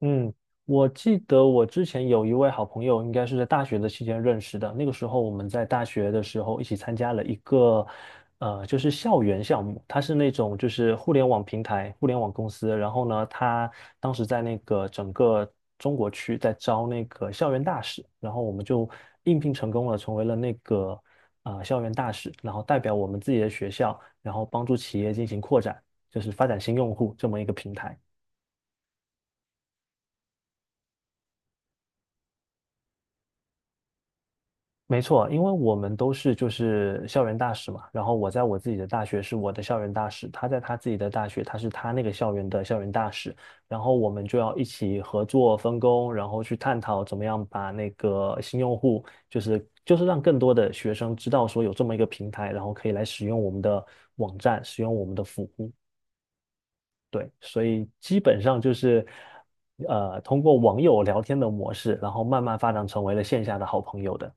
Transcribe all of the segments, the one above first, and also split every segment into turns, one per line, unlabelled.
嗯，我记得我之前有一位好朋友，应该是在大学的期间认识的。那个时候我们在大学的时候一起参加了一个，就是校园项目。它是那种就是互联网平台、互联网公司。然后呢，他当时在那个整个中国区在招那个校园大使，然后我们就应聘成功了，成为了那个校园大使，然后代表我们自己的学校，然后帮助企业进行扩展，就是发展新用户这么一个平台。没错，因为我们都是就是校园大使嘛，然后我在我自己的大学是我的校园大使，他在他自己的大学，他是他那个校园的校园大使，然后我们就要一起合作分工，然后去探讨怎么样把那个新用户，就是让更多的学生知道说有这么一个平台，然后可以来使用我们的网站，使用我们的服务。对，所以基本上就是通过网友聊天的模式，然后慢慢发展成为了线下的好朋友的。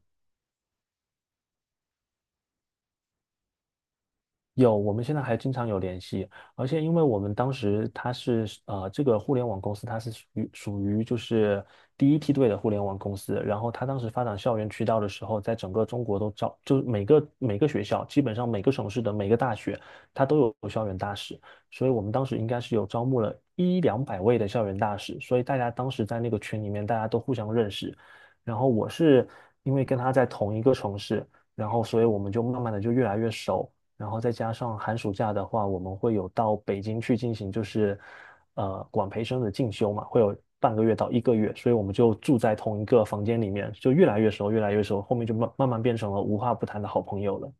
有，我们现在还经常有联系，而且因为我们当时他是这个互联网公司它是属于就是第一梯队的互联网公司，然后他当时发展校园渠道的时候，在整个中国都招，就是每个学校，基本上每个省市的每个大学，他都有校园大使，所以我们当时应该是有招募了一两百位的校园大使，所以大家当时在那个群里面，大家都互相认识，然后我是因为跟他在同一个城市，然后所以我们就慢慢的就越来越熟。然后再加上寒暑假的话，我们会有到北京去进行就是管培生的进修嘛，会有半个月到一个月，所以我们就住在同一个房间里面，就越来越熟，越来越熟，后面就慢慢变成了无话不谈的好朋友了。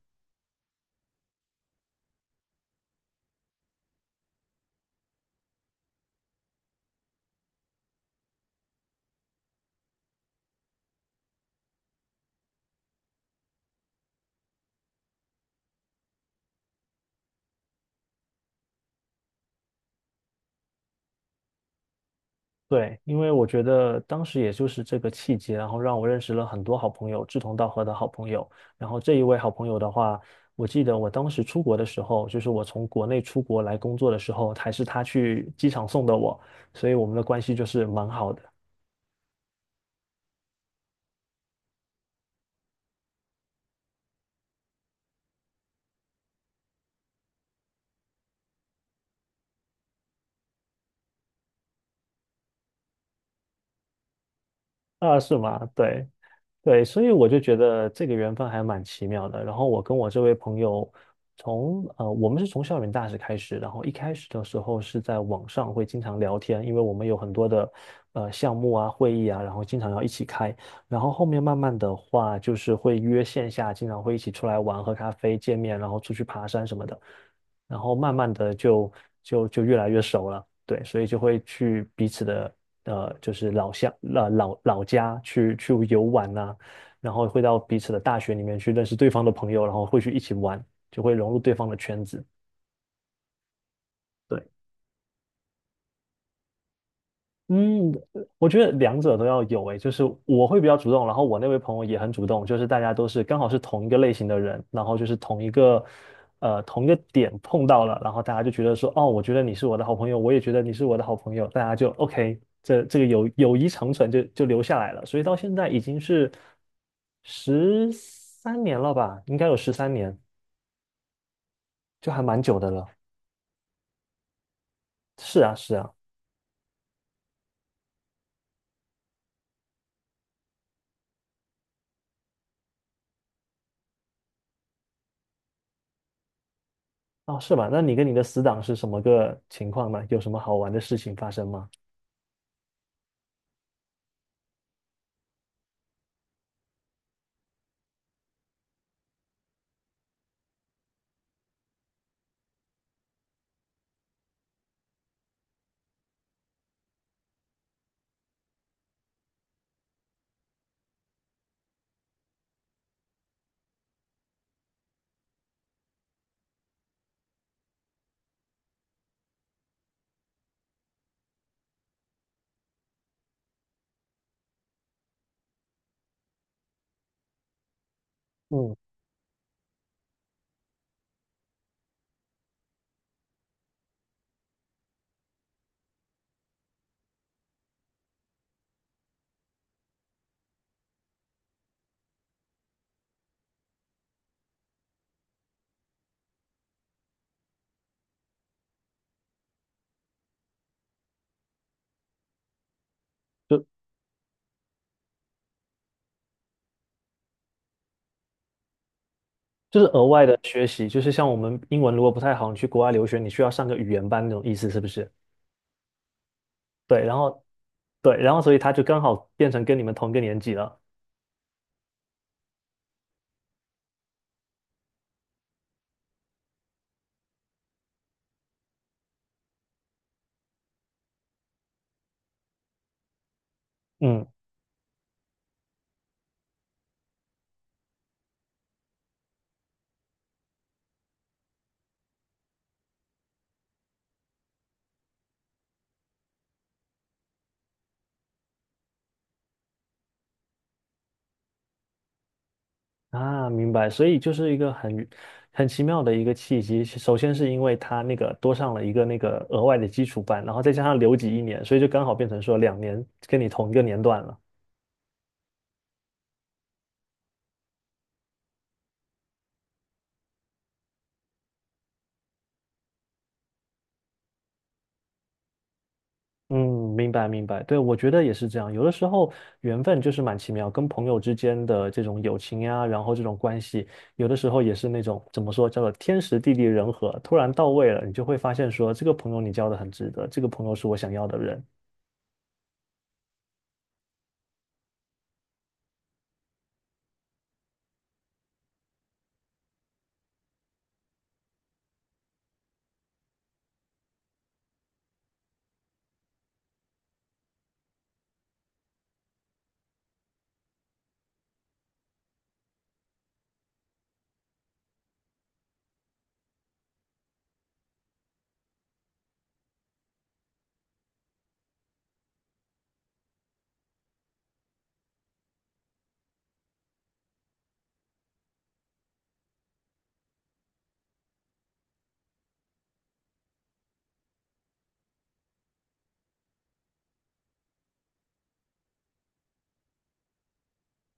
对，因为我觉得当时也就是这个契机，然后让我认识了很多好朋友，志同道合的好朋友。然后这一位好朋友的话，我记得我当时出国的时候，就是我从国内出国来工作的时候，还是他去机场送的我，所以我们的关系就是蛮好的。啊，是吗？对，对，所以我就觉得这个缘分还蛮奇妙的。然后我跟我这位朋友我们是从校园大使开始，然后一开始的时候是在网上会经常聊天，因为我们有很多的项目啊、会议啊，然后经常要一起开。然后后面慢慢的话，就是会约线下，经常会一起出来玩、喝咖啡、见面，然后出去爬山什么的。然后慢慢的就越来越熟了，对，所以就会去彼此的，就是老乡、老家去游玩呐、然后会到彼此的大学里面去认识对方的朋友，然后会去一起玩，就会融入对方的圈子。对，嗯，我觉得两者都要有诶，就是我会比较主动，然后我那位朋友也很主动，就是大家都是刚好是同一个类型的人，然后就是同一个点碰到了，然后大家就觉得说，哦，我觉得你是我的好朋友，我也觉得你是我的好朋友，大家就 OK，这个友谊长存就留下来了，所以到现在已经是十三年了吧，应该有十三年，就还蛮久的了。是啊，是啊，哦，是吧？那你跟你的死党是什么个情况呢？有什么好玩的事情发生吗？嗯，就就是额外的学习，就是像我们英文如果不太好，你去国外留学，你需要上个语言班那种意思，是不是？对，然后对，然后所以他就刚好变成跟你们同一个年级了。嗯，啊，明白。所以就是一个很奇妙的一个契机。首先是因为他那个多上了一个那个额外的基础班，然后再加上留级一年，所以就刚好变成说2年跟你同一个年段了。嗯，明白明白，对，我觉得也是这样。有的时候缘分就是蛮奇妙，跟朋友之间的这种友情呀，然后这种关系，有的时候也是那种怎么说，叫做天时地利人和，突然到位了，你就会发现说，这个朋友你交的很值得，这个朋友是我想要的人。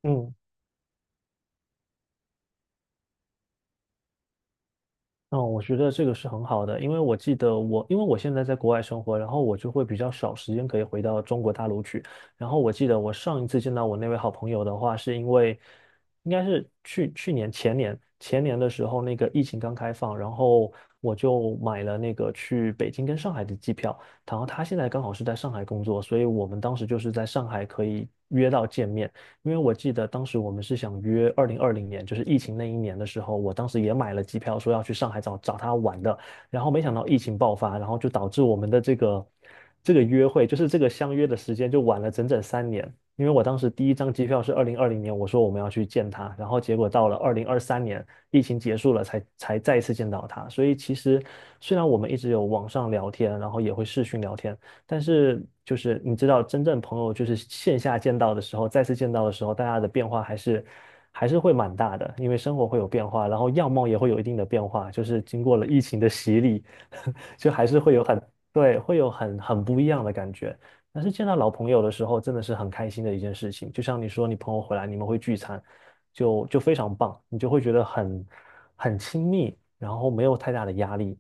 嗯。嗯，我觉得这个是很好的，因为我记得我，因为我现在在国外生活，然后我就会比较少时间可以回到中国大陆去。然后我记得我上一次见到我那位好朋友的话，是因为应该是去去年前年前年的时候，那个疫情刚开放，然后我就买了那个去北京跟上海的机票。然后他现在刚好是在上海工作，所以我们当时就是在上海可以约到见面。因为我记得当时我们是想约二零二零年，就是疫情那一年的时候，我当时也买了机票，说要去上海找找他玩的，然后没想到疫情爆发，然后就导致我们的这个约会，就是这个相约的时间就晚了整整三年。因为我当时第一张机票是二零二零年，我说我们要去见他，然后结果到了2023年，疫情结束了才再一次见到他。所以其实虽然我们一直有网上聊天，然后也会视讯聊天，但是就是你知道，真正朋友就是线下见到的时候，再次见到的时候，大家的变化还是会蛮大的，因为生活会有变化，然后样貌也会有一定的变化，就是经过了疫情的洗礼，就还是会有很，对，会有很不一样的感觉。但是见到老朋友的时候，真的是很开心的一件事情。就像你说，你朋友回来，你们会聚餐，就非常棒，你就会觉得很亲密，然后没有太大的压力。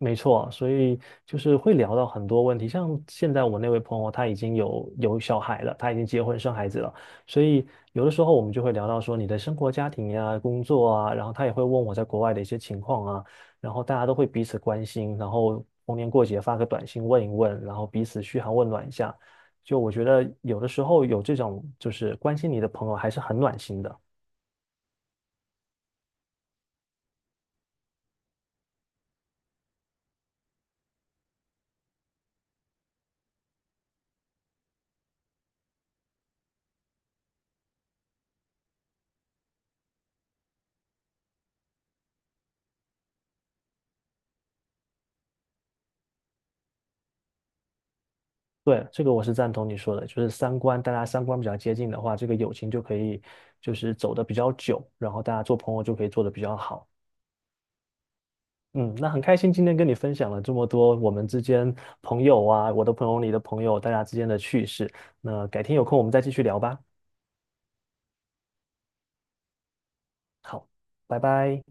没错，所以就是会聊到很多问题，像现在我那位朋友，他已经有小孩了，他已经结婚生孩子了，所以有的时候我们就会聊到说你的生活、家庭呀、工作啊，然后他也会问我在国外的一些情况啊，然后大家都会彼此关心，然后逢年过节发个短信问一问，然后彼此嘘寒问暖一下，就我觉得有的时候有这种就是关心你的朋友还是很暖心的。对，这个我是赞同你说的，就是三观，大家三观比较接近的话，这个友情就可以就是走得比较久，然后大家做朋友就可以做得比较好。嗯，那很开心今天跟你分享了这么多我们之间朋友啊，我的朋友，你的朋友，大家之间的趣事。那改天有空我们再继续聊吧。好，拜拜。